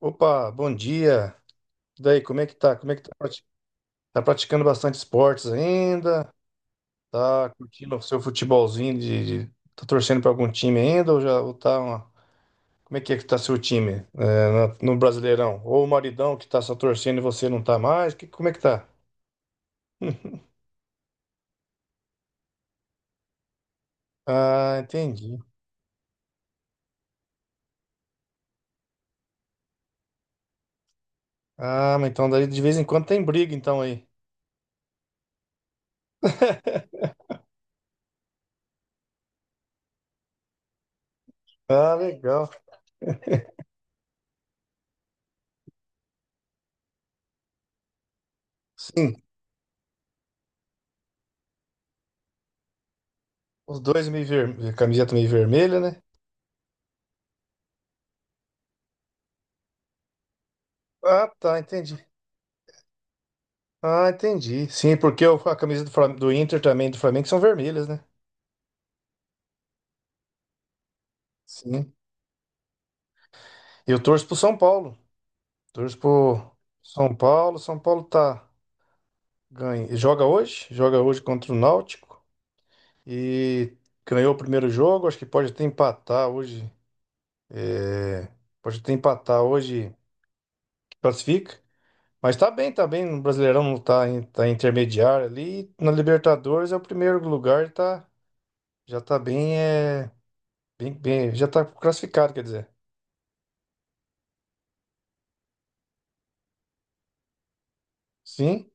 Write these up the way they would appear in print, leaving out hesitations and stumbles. Opa, bom dia. E daí, como é que tá? Tá praticando bastante esportes ainda? Tá curtindo o seu futebolzinho tá torcendo pra algum time ainda ou já ou como é que tá seu time no Brasileirão? Ou o maridão que tá só torcendo e você não tá mais? Como é que tá? Ah, entendi. Ah, mas então daí de vez em quando tem briga então aí. Ah, legal. Sim, os dois, camiseta meio vermelha, né? Ah, tá, entendi. Ah, entendi. Sim, porque a camisa do do Inter também do Flamengo são vermelhas, né? Sim. Eu torço pro São Paulo. Torço pro São Paulo. São Paulo tá ganha. Joga hoje contra o Náutico e ganhou o primeiro jogo. Acho que pode até empatar hoje. Pode até empatar hoje, classifica. Mas tá bem, tá bem. No Brasileirão não tá em intermediário ali. Na Libertadores é o primeiro lugar, tá, já tá bem, já tá classificado, quer dizer. Sim.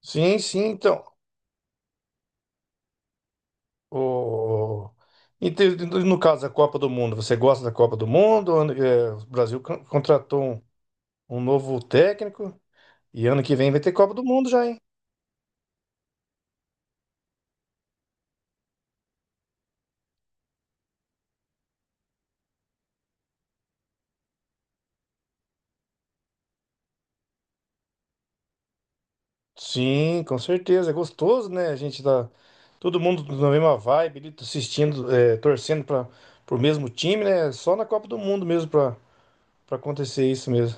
Sim, sim, então. O... Então, no caso da Copa do Mundo, você gosta da Copa do Mundo? O Brasil contratou um novo técnico e ano que vem vai ter Copa do Mundo já, hein? Sim, com certeza. É gostoso, né? A gente tá todo mundo na mesma vibe, ali, assistindo, torcendo para pro mesmo time, né? Só na Copa do Mundo mesmo para acontecer isso mesmo.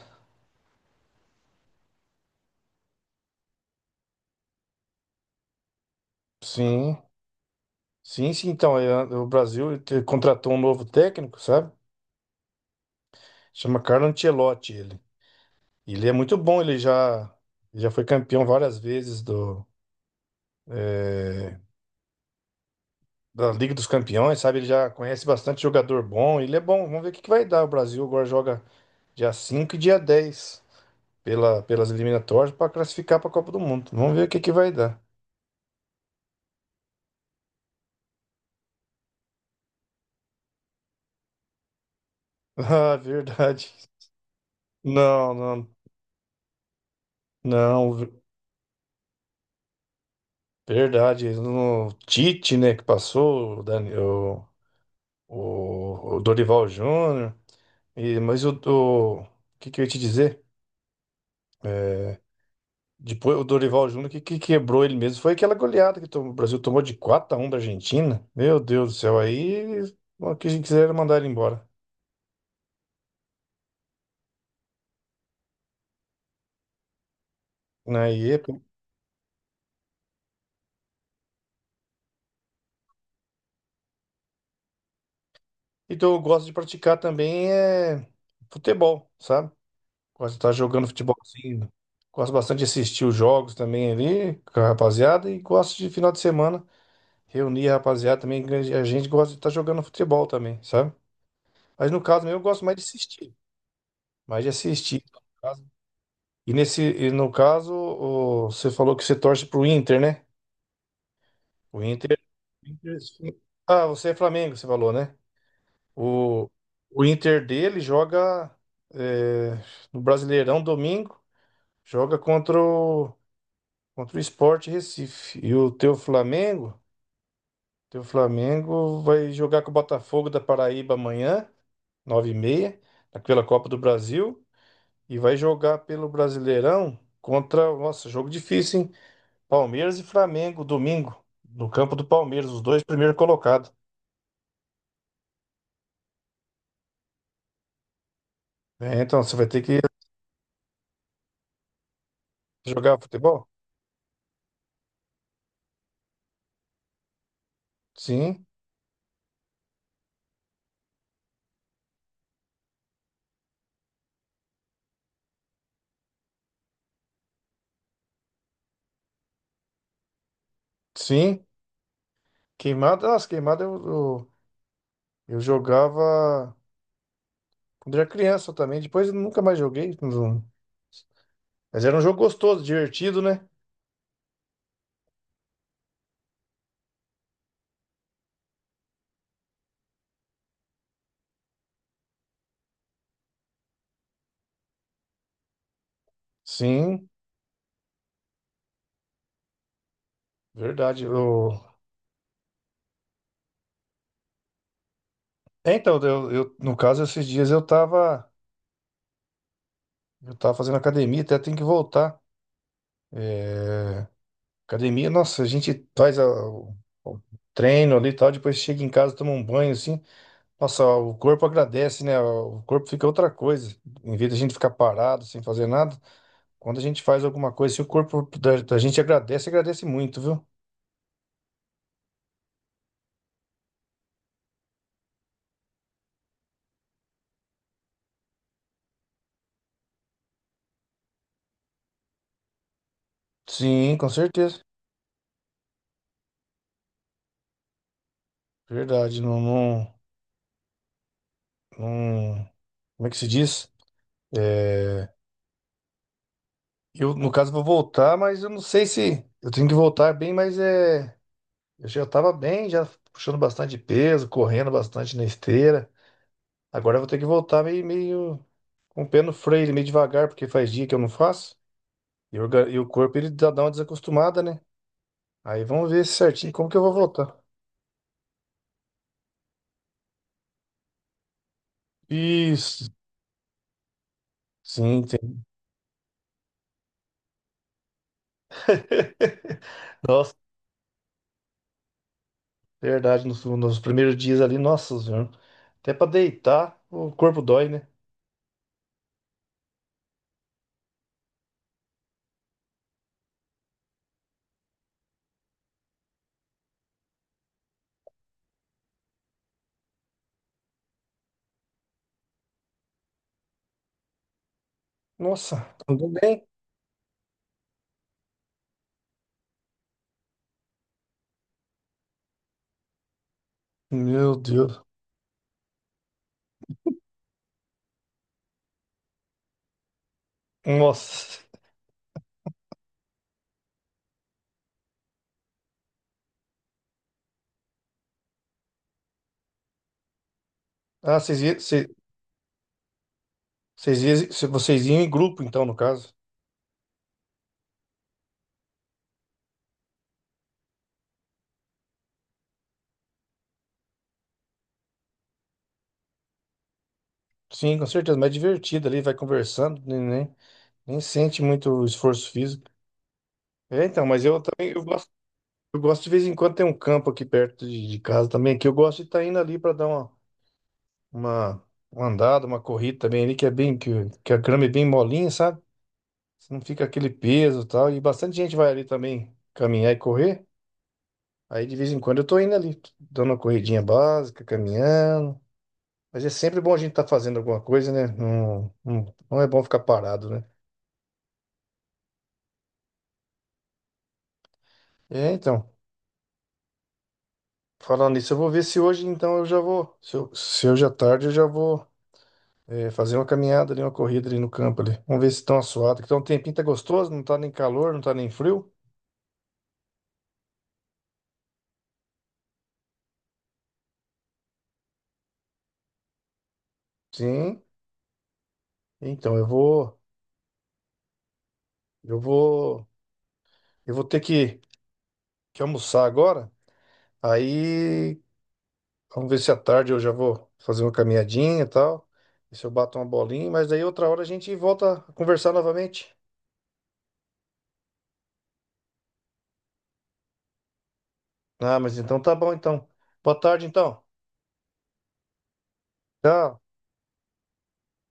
Sim, sim, sim. Então, é, o Brasil contratou um novo técnico, sabe? Chama Carlo Ancelotti. Ele é muito bom, já foi campeão várias vezes da Liga dos Campeões, sabe? Ele já conhece bastante jogador bom, ele é bom. Vamos ver o que que vai dar. O Brasil agora joga dia 5 e dia 10 pela, pelas eliminatórias para classificar para a Copa do Mundo. Vamos ver o que que vai dar. Ah, verdade. Não, não, não, ver- verdade. No Tite, né, que passou, o Dorival Júnior. E, mas o que que eu ia te dizer? É, depois o Dorival Júnior, que quebrou ele mesmo, foi aquela goleada que o Brasil tomou de 4-1 da Argentina. Meu Deus do céu, aí o que a gente quiser era mandar ele embora. Aí, é então eu gosto de praticar também futebol, sabe? Gosto de estar jogando futebolzinho. Gosto bastante de assistir os jogos também ali com a rapaziada e gosto de final de semana reunir a rapaziada também. Que A gente gosta de estar jogando futebol também, sabe? Mas no caso meu, eu gosto mais de assistir. Mais de assistir. E no caso, você falou que você torce pro Inter, né? O Inter, Inter- Ah, você é Flamengo, você falou, né? O, o Inter dele joga é, no Brasileirão domingo, joga contra o Sport Recife. E o teu Flamengo vai jogar com o Botafogo da Paraíba amanhã, 9:30 pela Copa do Brasil, e vai jogar pelo Brasileirão contra, nossa, jogo difícil, hein? Palmeiras e Flamengo, domingo, no campo do Palmeiras, os dois primeiros colocados. É, então você vai ter que jogar futebol? Sim, sim. Queimada, nossa, queimada eu jogava quando era criança também, depois eu nunca mais joguei. Mas era um jogo gostoso, divertido, né? Sim, verdade. É, então, no caso, esses dias eu tava fazendo academia, até tenho que voltar. É, academia, nossa, a gente faz o treino ali e tal, depois chega em casa, toma um banho assim. Nossa, o corpo agradece, né? O corpo fica outra coisa. Em vez da gente ficar parado sem fazer nada, quando a gente faz alguma coisa, assim, o corpo da gente agradece, agradece muito, viu? Sim, com certeza. Verdade, não- como é que se diz? É, eu, no caso, vou voltar, mas eu não sei se eu tenho que voltar bem, mas eu já tava bem, já puxando bastante peso, correndo bastante na esteira. Agora eu vou ter que voltar meio com o pé no freio, meio devagar, porque faz dia que eu não faço. E o corpo ele dá uma desacostumada, né? Aí vamos ver certinho como que eu vou voltar. Isso. Sim, tem. Nossa, verdade, nos primeiros dias ali, nossa senhora. Até pra deitar, o corpo dói, né? Nossa, tudo bem? Meu Deus. Nossa. Ah, vocês iam em grupo, então, no caso. Sim, com certeza, mais divertido ali, vai conversando, né? né? Nem sente muito esforço físico. É, então, mas eu também eu gosto de vez em quando tem um campo aqui perto de casa também, que eu gosto de estar indo ali para dar uma, uma andada, uma corrida também ali, que a grama é bem molinha, sabe? Você não fica aquele peso e tal. E bastante gente vai ali também caminhar e correr. Aí de vez em quando eu tô indo ali, dando uma corridinha básica, caminhando. Mas é sempre bom a gente estar fazendo alguma coisa, né? Não, não é bom ficar parado, né? É, então. Falando nisso, eu vou ver se hoje, então, eu já vou. Se hoje à tarde, eu já vou fazer uma caminhada ali, uma corrida ali no campo ali. Vamos ver se estão assuados. Então, um tempinho tá gostoso, não tá nem calor, não tá nem frio. Sim. Então, eu vou, eu vou ter que almoçar agora. Aí, vamos ver se à tarde eu já vou fazer uma caminhadinha e tal. Ver se eu bato uma bolinha, mas daí outra hora a gente volta a conversar novamente. Ah, mas então tá bom, então. Boa tarde, então. Tchau.